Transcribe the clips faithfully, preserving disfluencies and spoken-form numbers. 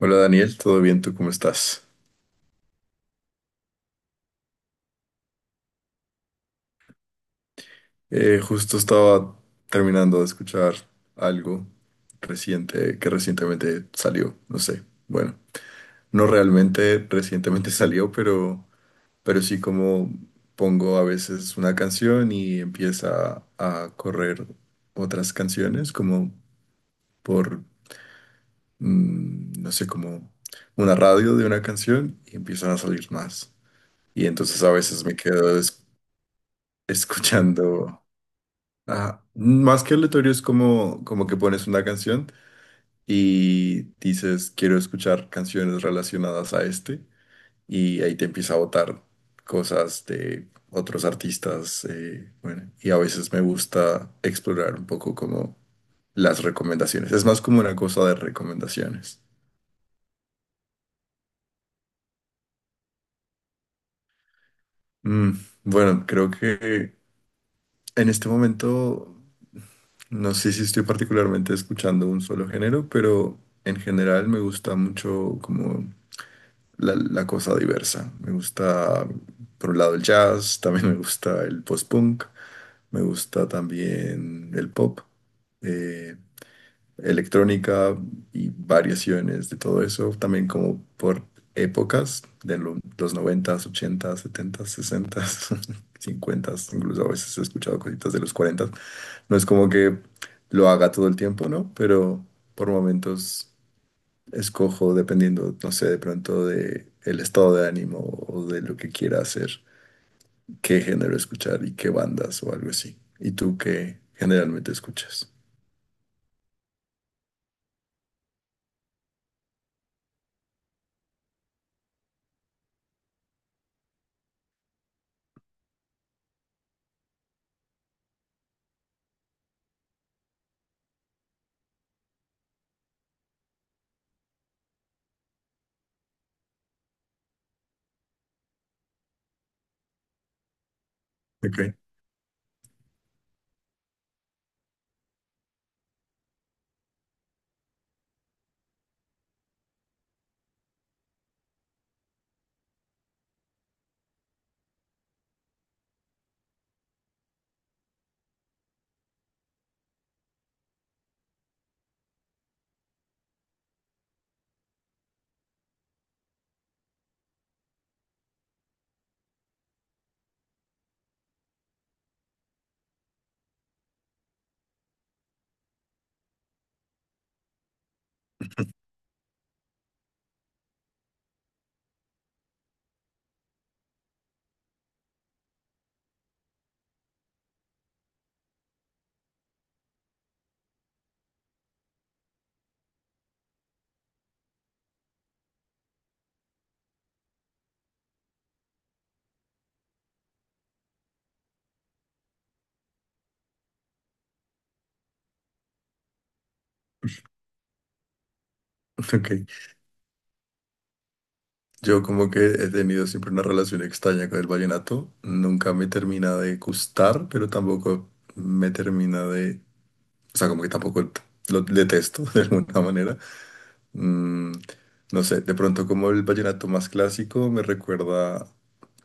Hola Daniel, ¿todo bien? ¿Tú cómo estás? Eh, justo estaba terminando de escuchar algo reciente que recientemente salió, no sé. Bueno, no realmente recientemente salió, pero, pero sí como pongo a veces una canción y empieza a correr otras canciones como por, mm, no sé, como una radio de una canción y empiezan a salir más. Y entonces a veces me quedo es- escuchando. Ajá. Más que aleatorio es como, como que pones una canción y dices, quiero escuchar canciones relacionadas a este, y ahí te empieza a botar cosas de otros artistas. Eh, bueno, y a veces me gusta explorar un poco como las recomendaciones. Es más como una cosa de recomendaciones. Mm, bueno, creo que en este momento no sé si estoy particularmente escuchando un solo género, pero en general me gusta mucho como la, la cosa diversa. Me gusta, por un lado, el jazz, también me gusta el post-punk, me gusta también el pop, eh, electrónica y variaciones de todo eso, también como por épocas, de lo- los noventas, ochentas, setentas, sesentas cincuentas, incluso a veces he escuchado cositas de los cuarentas. No es como que lo haga todo el tiempo, ¿no? Pero por momentos escojo dependiendo, no sé, de pronto de el estado de ánimo o de lo que quiera hacer, qué género escuchar y qué bandas o algo así. ¿Y tú qué generalmente escuchas? Ok, ok. Yo como que he tenido siempre una relación extraña con el vallenato. Nunca me termina de gustar, pero tampoco me termina de... O sea, como que tampoco lo detesto de alguna manera. Mm, no sé, de pronto como el vallenato más clásico me recuerda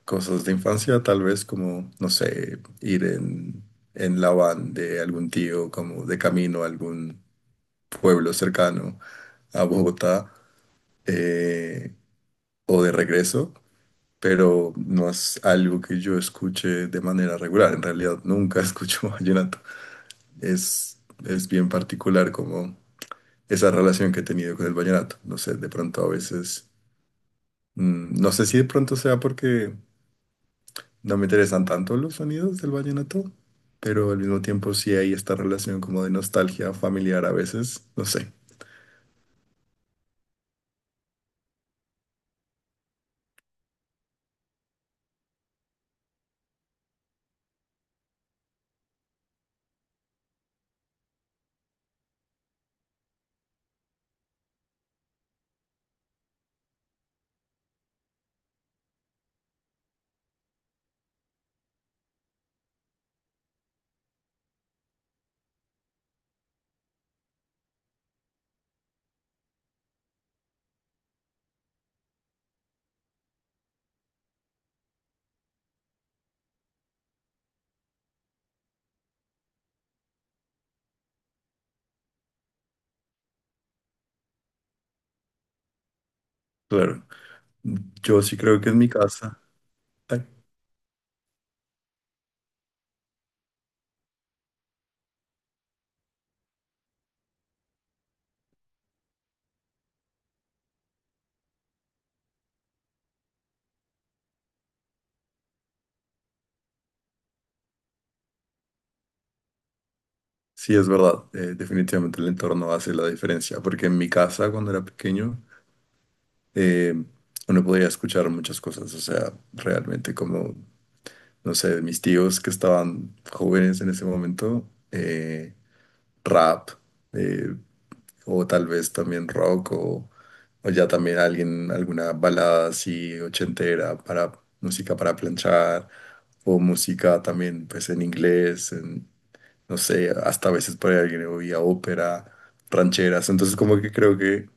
cosas de infancia, tal vez como, no sé, ir en, en la van de algún tío, como de camino a algún pueblo cercano a Bogotá, eh, o de regreso, pero no es algo que yo escuche de manera regular. En realidad nunca escucho vallenato. Es, es bien particular como esa relación que he tenido con el vallenato. No sé, de pronto a veces, mm, no sé si de pronto sea porque no me interesan tanto los sonidos del vallenato, pero al mismo tiempo sí hay esta relación como de nostalgia familiar a veces, no sé, claro. Yo sí creo que en mi casa, ay, sí es verdad, eh, definitivamente el entorno hace la diferencia, porque en mi casa cuando era pequeño, eh, uno podía escuchar muchas cosas, o sea, realmente como, no sé, mis tíos que estaban jóvenes en ese momento, eh, rap, eh, o tal vez también rock, o, o ya también alguien, alguna balada así ochentera para música para planchar, o música también pues en inglés, en- no sé, hasta a veces por ahí alguien oía ópera, rancheras, entonces como que creo que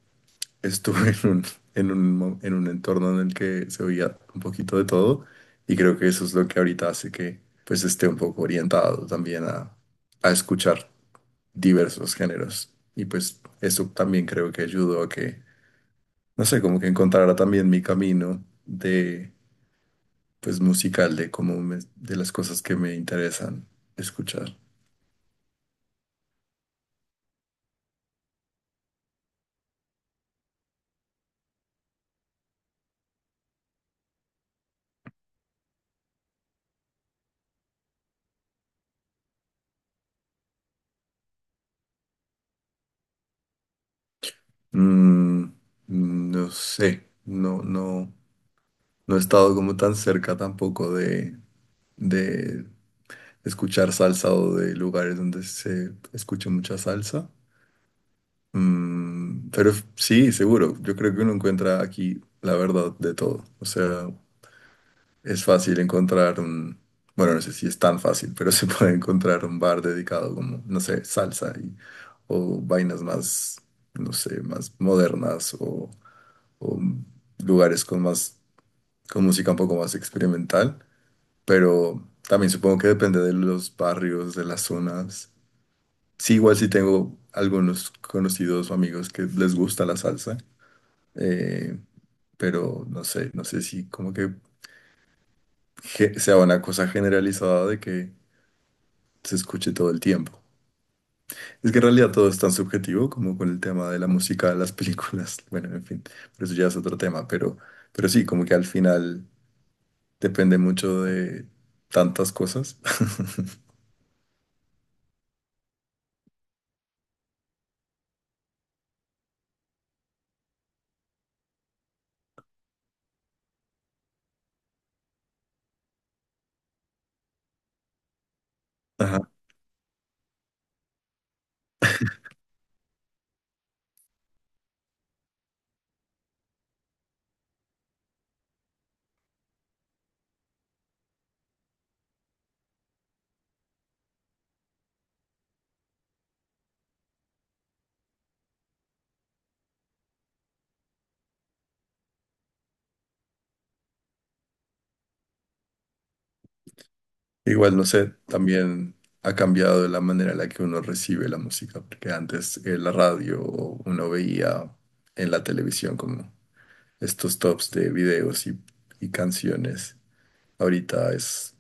estuve en un, en un, mo- en un entorno en el que se oía un poquito de todo, y creo que eso es lo que ahorita hace que pues esté un poco orientado también a, a escuchar diversos géneros. Y pues eso también creo que ayudó a que, no sé, como que encontrara también mi camino de, pues musical, de cómo me- de las cosas que me interesan escuchar. Mm, no sé, no, no, no he estado como tan cerca tampoco de, de escuchar salsa o de lugares donde se escuche mucha salsa. Mm, pero f- sí, seguro. Yo creo que uno encuentra aquí la verdad de todo. O sea, es fácil encontrar un, bueno, no sé si es tan fácil, pero se puede encontrar un bar dedicado como, no sé, salsa y, o vainas más, no sé, más modernas o, o lugares con más, con música un poco más experimental. Pero también supongo que depende de los barrios, de las zonas. Sí, igual sí tengo algunos conocidos o amigos que les gusta la salsa, eh, pero no sé, no sé si como que ge- sea una cosa generalizada de que se escuche todo el tiempo. Es que en realidad todo es tan subjetivo como con el tema de la música, las películas, bueno, en fin, pero eso ya es otro tema, pero, pero sí, como que al final depende mucho de tantas cosas. Ajá. Igual, no sé, también ha cambiado la manera en la que uno recibe la música, porque antes en la radio o uno veía en la televisión como estos tops de videos y, y canciones. Ahorita es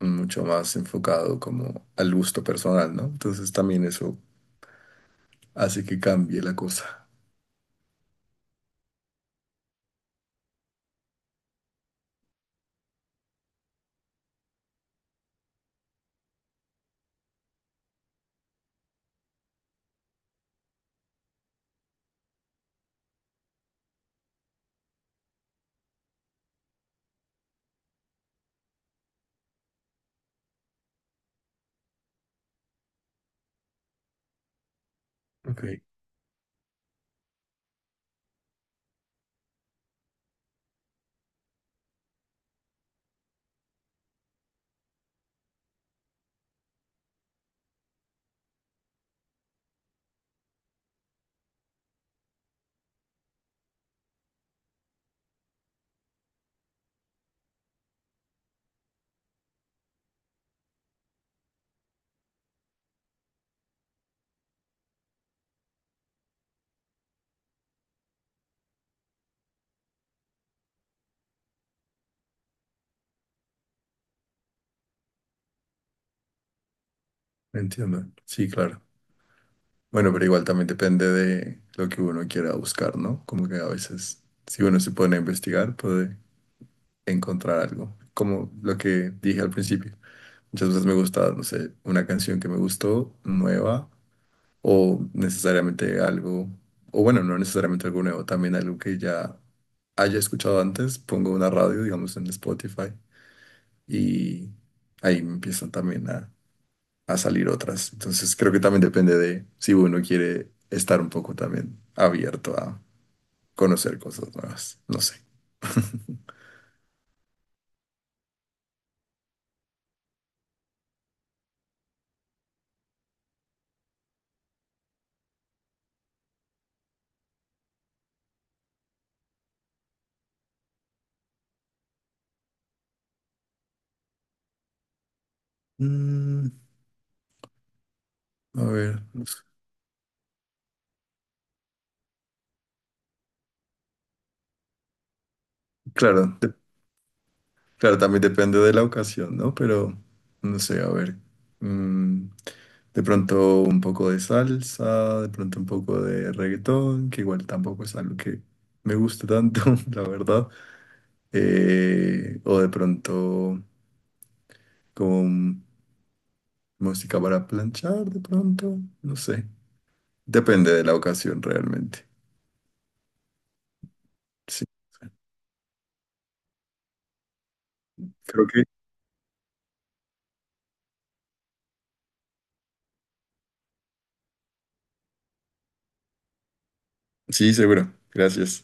mucho más enfocado como al gusto personal, ¿no? Entonces también eso hace que cambie la cosa. Ok, entiendo. Sí, claro. Bueno, pero igual también depende de lo que uno quiera buscar, ¿no? Como que a veces, si uno se pone a investigar, puede encontrar algo. Como lo que dije al principio. Muchas veces me gusta, no sé, una canción que me gustó, nueva, o necesariamente algo, o bueno, no necesariamente algo nuevo, también algo que ya haya escuchado antes, pongo una radio, digamos, en Spotify y ahí empiezan también a, a salir otras. Entonces creo que también depende de si uno quiere estar un poco también abierto a conocer cosas nuevas. No sé. Mm, a ver, no sé. Claro, de- claro, también depende de la ocasión, ¿no? Pero no sé, a ver. mm, de pronto un poco de salsa, de pronto un poco de reggaetón, que igual tampoco es algo que me guste tanto, la verdad. Eh, o de pronto con música para planchar de pronto, no sé. Depende de la ocasión realmente. Sí, creo que sí, seguro. Gracias.